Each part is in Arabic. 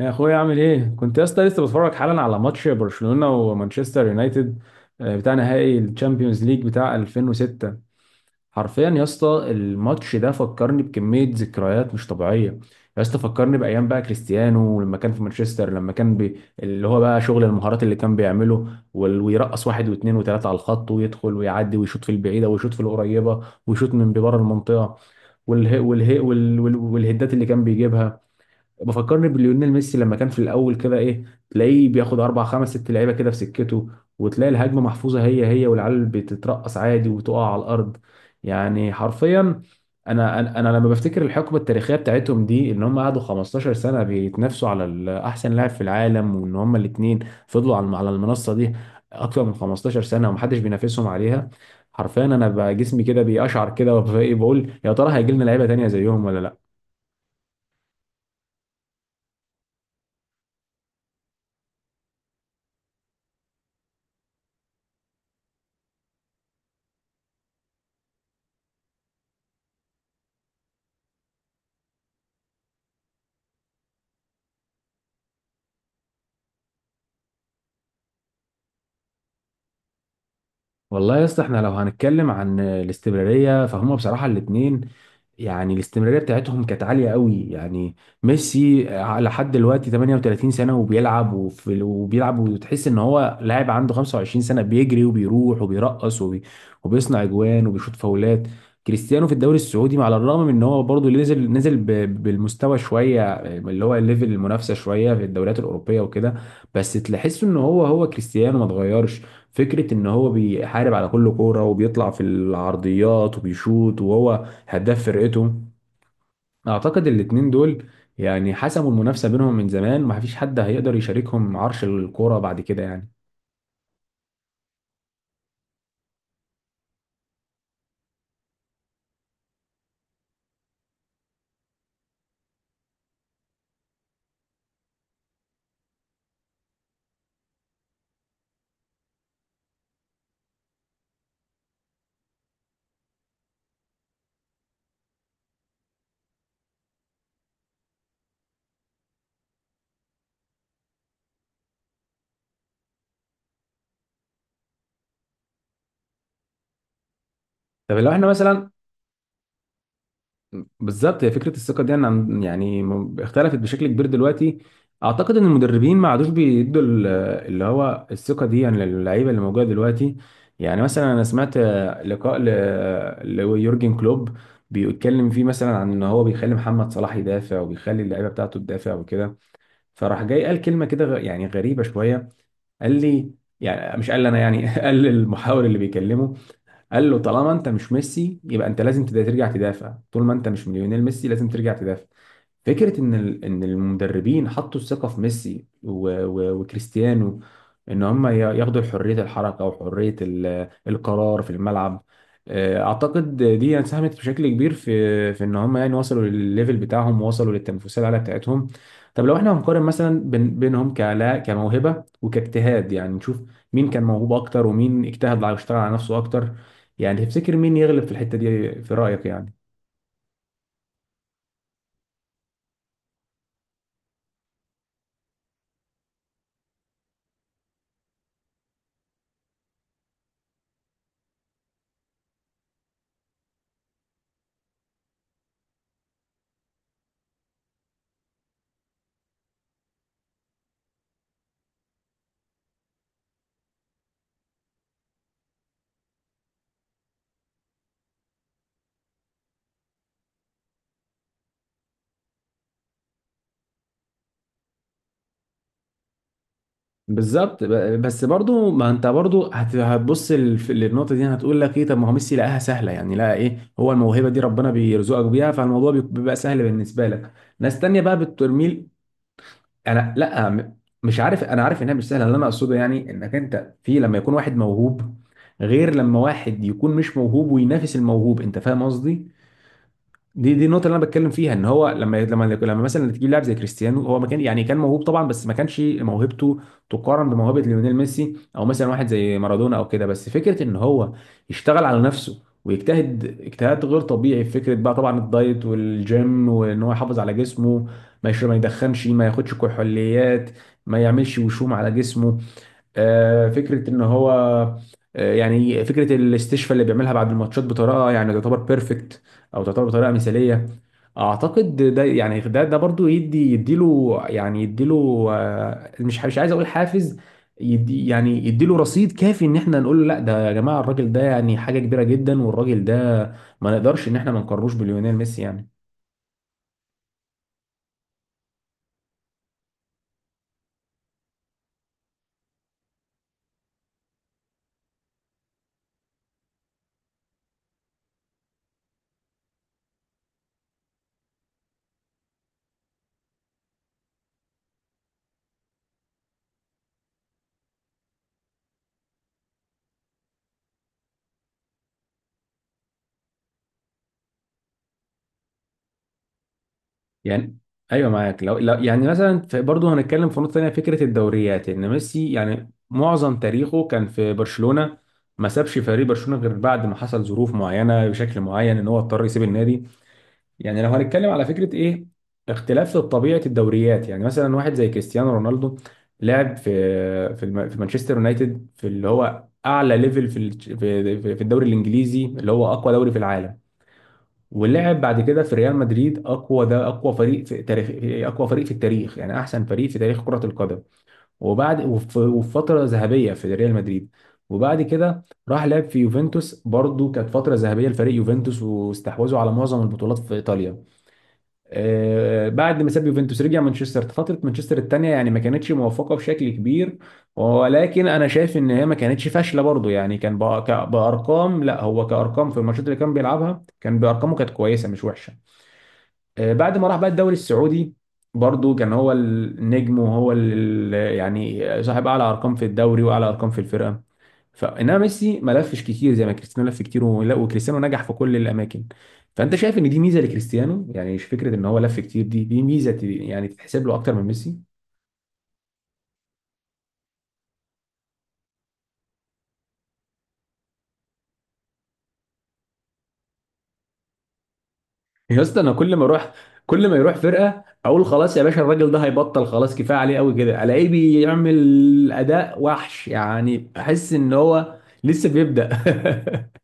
يا اخويا عامل ايه؟ كنت يا اسطى لسه بتفرج حالا على ماتش برشلونة ومانشستر يونايتد. بتاع نهائي الشامبيونز ليج بتاع 2006. حرفيا يا اسطى الماتش ده فكرني بكمية ذكريات مش طبيعية. يا اسطى فكرني بايام بقى كريستيانو لما كان في مانشستر، لما كان اللي هو بقى شغل المهارات اللي كان بيعمله، ويرقص واحد واثنين وثلاثة على الخط ويدخل ويعدي ويشوط في البعيدة ويشوط في القريبة ويشوط من بره المنطقة، والهدات اللي كان بيجيبها. بفكرني بليونيل ميسي لما كان في الاول كده، ايه، تلاقيه بياخد اربع خمس ست لعيبه كده في سكته، وتلاقي الهجمه محفوظه هي هي والعيال بتترقص عادي وتقع على الارض. يعني حرفيا، انا انا أنا لما بفتكر الحقبه التاريخيه بتاعتهم دي ان هم قعدوا 15 سنه بيتنافسوا على احسن لاعب في العالم، وان هم الاثنين فضلوا على المنصه دي اكتر من 15 سنه ومحدش بينافسهم عليها. حرفيا انا بقى جسمي كده بيقشعر كده وبقول يا ترى هيجي لنا لعيبه تانيه زيهم ولا لا؟ والله يا اسطى احنا لو هنتكلم عن الاستمراريه فهم بصراحه الاثنين، يعني الاستمراريه بتاعتهم كانت عاليه قوي يعني. ميسي على حد دلوقتي 38 سنه وبيلعب وبيلعب وتحس ان هو لاعب عنده 25 سنه، بيجري وبيروح وبيرقص وبيصنع اجوان وبيشوط فاولات. كريستيانو في الدوري السعودي، على الرغم من ان هو برضه بالمستوى شويه، اللي هو الليفل المنافسه شويه في الدوريات الاوروبيه وكده، بس تحس ان هو كريستيانو ما اتغيرش. فكرة ان هو بيحارب على كل كورة وبيطلع في العرضيات وبيشوط، وهو هداف فرقته. اعتقد الاتنين دول يعني حسموا المنافسة بينهم من زمان، ومفيش حد هيقدر يشاركهم عرش الكورة بعد كده يعني. طب لو احنا مثلا. بالظبط، هي فكره الثقه دي انا عن- يعني م- اختلفت بشكل كبير دلوقتي. اعتقد ان المدربين ما عادوش بيدوا اللي هو الثقه دي يعني للعيبه اللي موجوده دلوقتي. يعني مثلا انا سمعت لقاء ليورجن كلوب بيتكلم فيه مثلا عن ان هو بيخلي محمد صلاح يدافع وبيخلي اللعيبه بتاعته تدافع وكده، فراح جاي قال كلمه كده يعني غريبه شويه، قال لي، يعني مش قال لي انا يعني قال للمحاور اللي بيكلمه، قال له: طالما انت مش ميسي يبقى انت لازم ترجع تدافع، طول ما انت مش ليونيل ميسي لازم ترجع تدافع. فكره ان ان المدربين حطوا الثقه في ميسي وكريستيانو، ان هم ياخدوا حريه الحركه وحريه القرار في الملعب. اعتقد دي ساهمت بشكل كبير في ان هم يعني وصلوا للليفل بتاعهم ووصلوا للتنافسيه العاليه بتاعتهم. طب لو احنا هنقارن مثلا بينهم كلا كموهبه وكاجتهاد، يعني نشوف مين كان موهوب اكتر ومين اجتهد واشتغل على نفسه اكتر. يعني تفتكر مين يغلب في الحتة دي في رأيك يعني؟ بالظبط، بس برضو ما انت برضو هتبص للنقطة دي، هتقول لك ايه، طب ما هو ميسي لقاها سهلة، يعني لقى ايه، هو الموهبة دي ربنا بيرزقك بيها، فالموضوع بيبقى سهل بالنسبة لك. ناس تانية بقى بالترميل. انا لا، مش عارف، انا عارف انها مش سهلة، اللي انا اقصده يعني انك انت في لما يكون واحد موهوب غير لما واحد يكون مش موهوب وينافس الموهوب، انت فاهم قصدي. دي النقطة اللي أنا بتكلم فيها، إن هو لما مثلا تجيب لاعب زي كريستيانو، هو ما كان، يعني كان موهوب طبعا، بس ما كانش موهبته تقارن بموهبة ليونيل ميسي، أو مثلا واحد زي مارادونا أو كده، بس فكرة إن هو يشتغل على نفسه ويجتهد اجتهاد غير طبيعي في فكرة بقى طبعا الدايت والجيم، وإن هو يحافظ على جسمه، ما يشرب، ما يدخنش، ما ياخدش كحوليات، ما يعملش وشوم على جسمه. فكره ان هو، يعني فكره الاستشفاء اللي بيعملها بعد الماتشات بطريقه يعني تعتبر بيرفكت، او تعتبر بطريقه مثاليه. اعتقد ده يعني ده برضو يديله يعني يديله، مش عايز اقول حافز، يدي يعني يديله رصيد كافي ان احنا نقول له: لا، ده يا جماعه الراجل ده يعني حاجه كبيره جدا، والراجل ده ما نقدرش ان احنا ما نقارنوش بليونيل ميسي يعني. يعني ايوه معاك. لو يعني مثلا برضه هنتكلم في نقطه ثانيه فكره الدوريات، ان ميسي يعني معظم تاريخه كان في برشلونه، ما سابش فريق برشلونه غير بعد ما حصل ظروف معينه بشكل معين ان هو اضطر يسيب النادي. يعني لو هنتكلم على فكره ايه، اختلاف في طبيعه الدوريات، يعني مثلا واحد زي كريستيانو رونالدو لعب في مانشستر يونايتد في اللي هو اعلى ليفل في في الدوري الانجليزي اللي هو اقوى دوري في العالم، ولعب بعد كده في ريال مدريد، اقوى، ده اقوى فريق في تاريخ، اقوى فريق في التاريخ، يعني احسن فريق في تاريخ كرة القدم، وفي فترة ذهبية في ريال مدريد، وبعد كده راح لعب في يوفنتوس، برضو كانت فترة ذهبية لفريق يوفنتوس، واستحوذوا على معظم البطولات في ايطاليا. آه، بعد ما ساب يوفنتوس رجع مانشستر، فترة مانشستر الثانية يعني ما كانتش موفقة بشكل كبير، ولكن انا شايف ان هي ما كانتش فاشله برضو، يعني كان بارقام، لا هو كارقام في الماتشات اللي كان بيلعبها كان بارقامه كانت كويسه مش وحشه. بعد ما راح بقى الدوري السعودي، برضو كان هو النجم وهو يعني صاحب اعلى ارقام في الدوري واعلى ارقام في الفرقه. فانما ميسي ما لفش كتير زي ما كريستيانو لف كتير، وكريستيانو نجح في كل الاماكن، فانت شايف ان دي ميزه لكريستيانو، يعني مش فكره ان هو لف كتير، دي ميزه يعني تتحسب له اكتر من ميسي. يا اسطى انا كل ما اروح، كل ما يروح فرقه اقول خلاص يا باشا الراجل ده هيبطل، خلاص كفايه عليه قوي كده، الاقيه بيعمل اداء وحش، يعني احس ان هو لسه بيبدأ.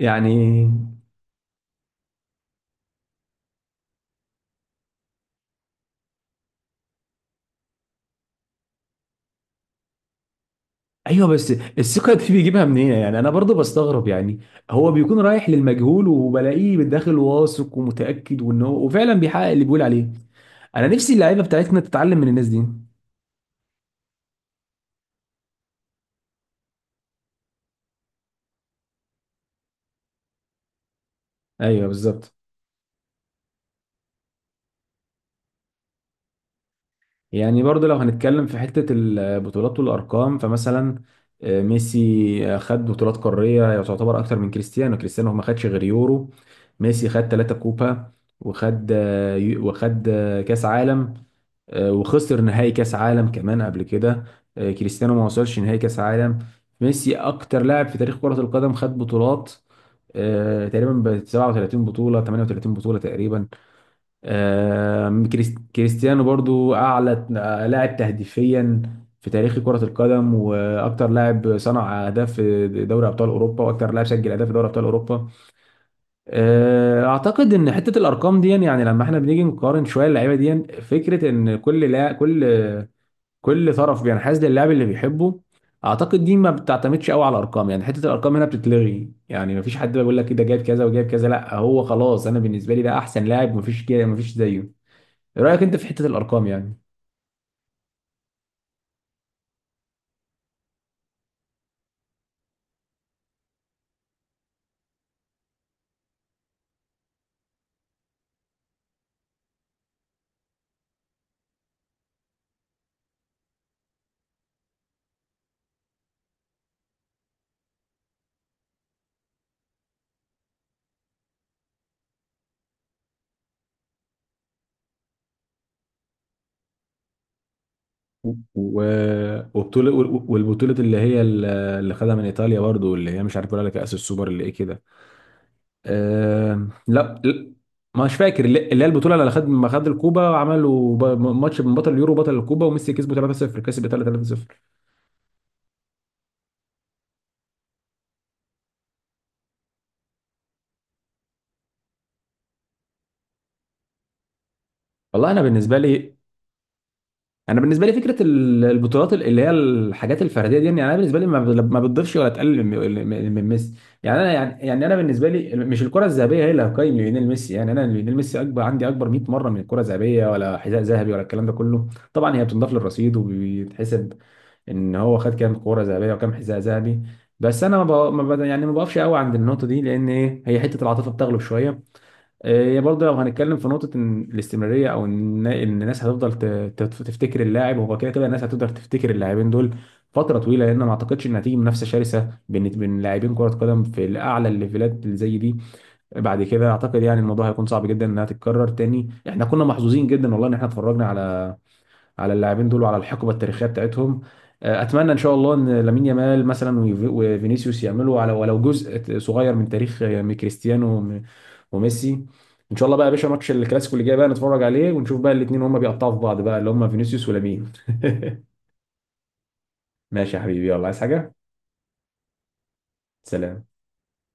يعني ايوه، بس الثقه دي بيجيبها منين يعني؟ انا برضو بستغرب يعني، هو بيكون رايح للمجهول وبلاقيه بالداخل واثق ومتاكد، وان هو وفعلا بيحقق اللي بيقول عليه. انا نفسي اللعيبه بتاعتنا تتعلم من الناس دي. ايوه بالظبط. يعني برضو لو هنتكلم في حته البطولات والارقام، فمثلا ميسي خد بطولات قاريه تعتبر اكتر من كريستيانو، كريستيانو ما خدش غير يورو، ميسي خد ثلاثة كوبا، وخد كاس عالم، وخسر نهائي كاس عالم كمان قبل كده. كريستيانو ما وصلش نهائي كاس عالم. ميسي اكتر لاعب في تاريخ كرة القدم خد بطولات، تقريبا ب 37 بطولة 38 بطولة تقريبا. كريستيانو برضو اعلى لاعب تهديفيا في تاريخ كرة القدم، واكتر لاعب صنع اهداف في دوري ابطال اوروبا، واكتر لاعب سجل اهداف في دوري ابطال اوروبا. اعتقد ان حته الارقام دي، يعني لما احنا بنيجي نقارن شويه اللعيبه دي، فكره ان كل لا كل، كل طرف بينحاز للاعب اللي بيحبه. اعتقد دي ما بتعتمدش قوي على الارقام، يعني حته الارقام هنا بتتلغي، يعني ما فيش حد بيقول لك إيه ده جايب كذا وجايب كذا، لا هو خلاص انا بالنسبه لي ده احسن لاعب ما فيش زيه. ايه رايك انت في حته الارقام يعني؟ و... وبطوله، والبطوله اللي هي اللي خدها من ايطاليا برضو، اللي هي مش عارف ولا كاس السوبر اللي ايه كده. لا لا، مش فاكر اللي هي البطوله اللي خد، ما خد الكوبا عملوا ماتش من بطل اليورو بطل الكوبا وميسي كسبه 3-0، كسب ايطاليا 3-0. والله انا بالنسبه لي، فكره البطولات اللي هي الحاجات الفرديه دي يعني انا بالنسبه لي ما بتضيفش ولا تقلل من ميسي، يعني انا يعني يعني انا بالنسبه لي مش الكره الذهبيه هي اللي هتقيم ليونيل ميسي. يعني انا ليونيل ميسي اكبر عندي، اكبر 100 مره من الكره الذهبيه ولا حذاء ذهبي ولا الكلام ده كله. طبعا هي بتنضاف للرصيد وبيتحسب ان هو خد كام كره ذهبيه وكام حذاء ذهبي، بس انا ما ب... ما ب... يعني ما بقفش قوي عند النقطه دي، لان ايه، هي حته العاطفه بتغلب شويه. هي برضه لو هنتكلم في نقطة إن الاستمرارية، أو إن الناس هتفضل تفتكر اللاعب، هو كده كده الناس هتقدر تفتكر اللاعبين دول فترة طويلة، لأن ما أعتقدش إن هتيجي منافسة شرسة بين لاعبين كرة قدم في الأعلى الليفلات اللي زي دي. بعد كده أعتقد يعني الموضوع هيكون صعب جدا إنها تتكرر تاني. إحنا كنا محظوظين جدا والله إن إحنا اتفرجنا على على اللاعبين دول وعلى الحقبة التاريخية بتاعتهم. أتمنى إن شاء الله إن لامين يامال مثلا وفينيسيوس يعملوا على ولو جزء صغير من تاريخ كريستيانو وميسي. ان شاء الله بقى يا باشا ماتش الكلاسيكو اللي جاي بقى نتفرج عليه ونشوف بقى الاثنين هما بيقطعوا في بعض بقى، اللي هما فينيسيوس ولامين. ماشي يا حبيبي، يلا، عايز حاجة؟ سلام.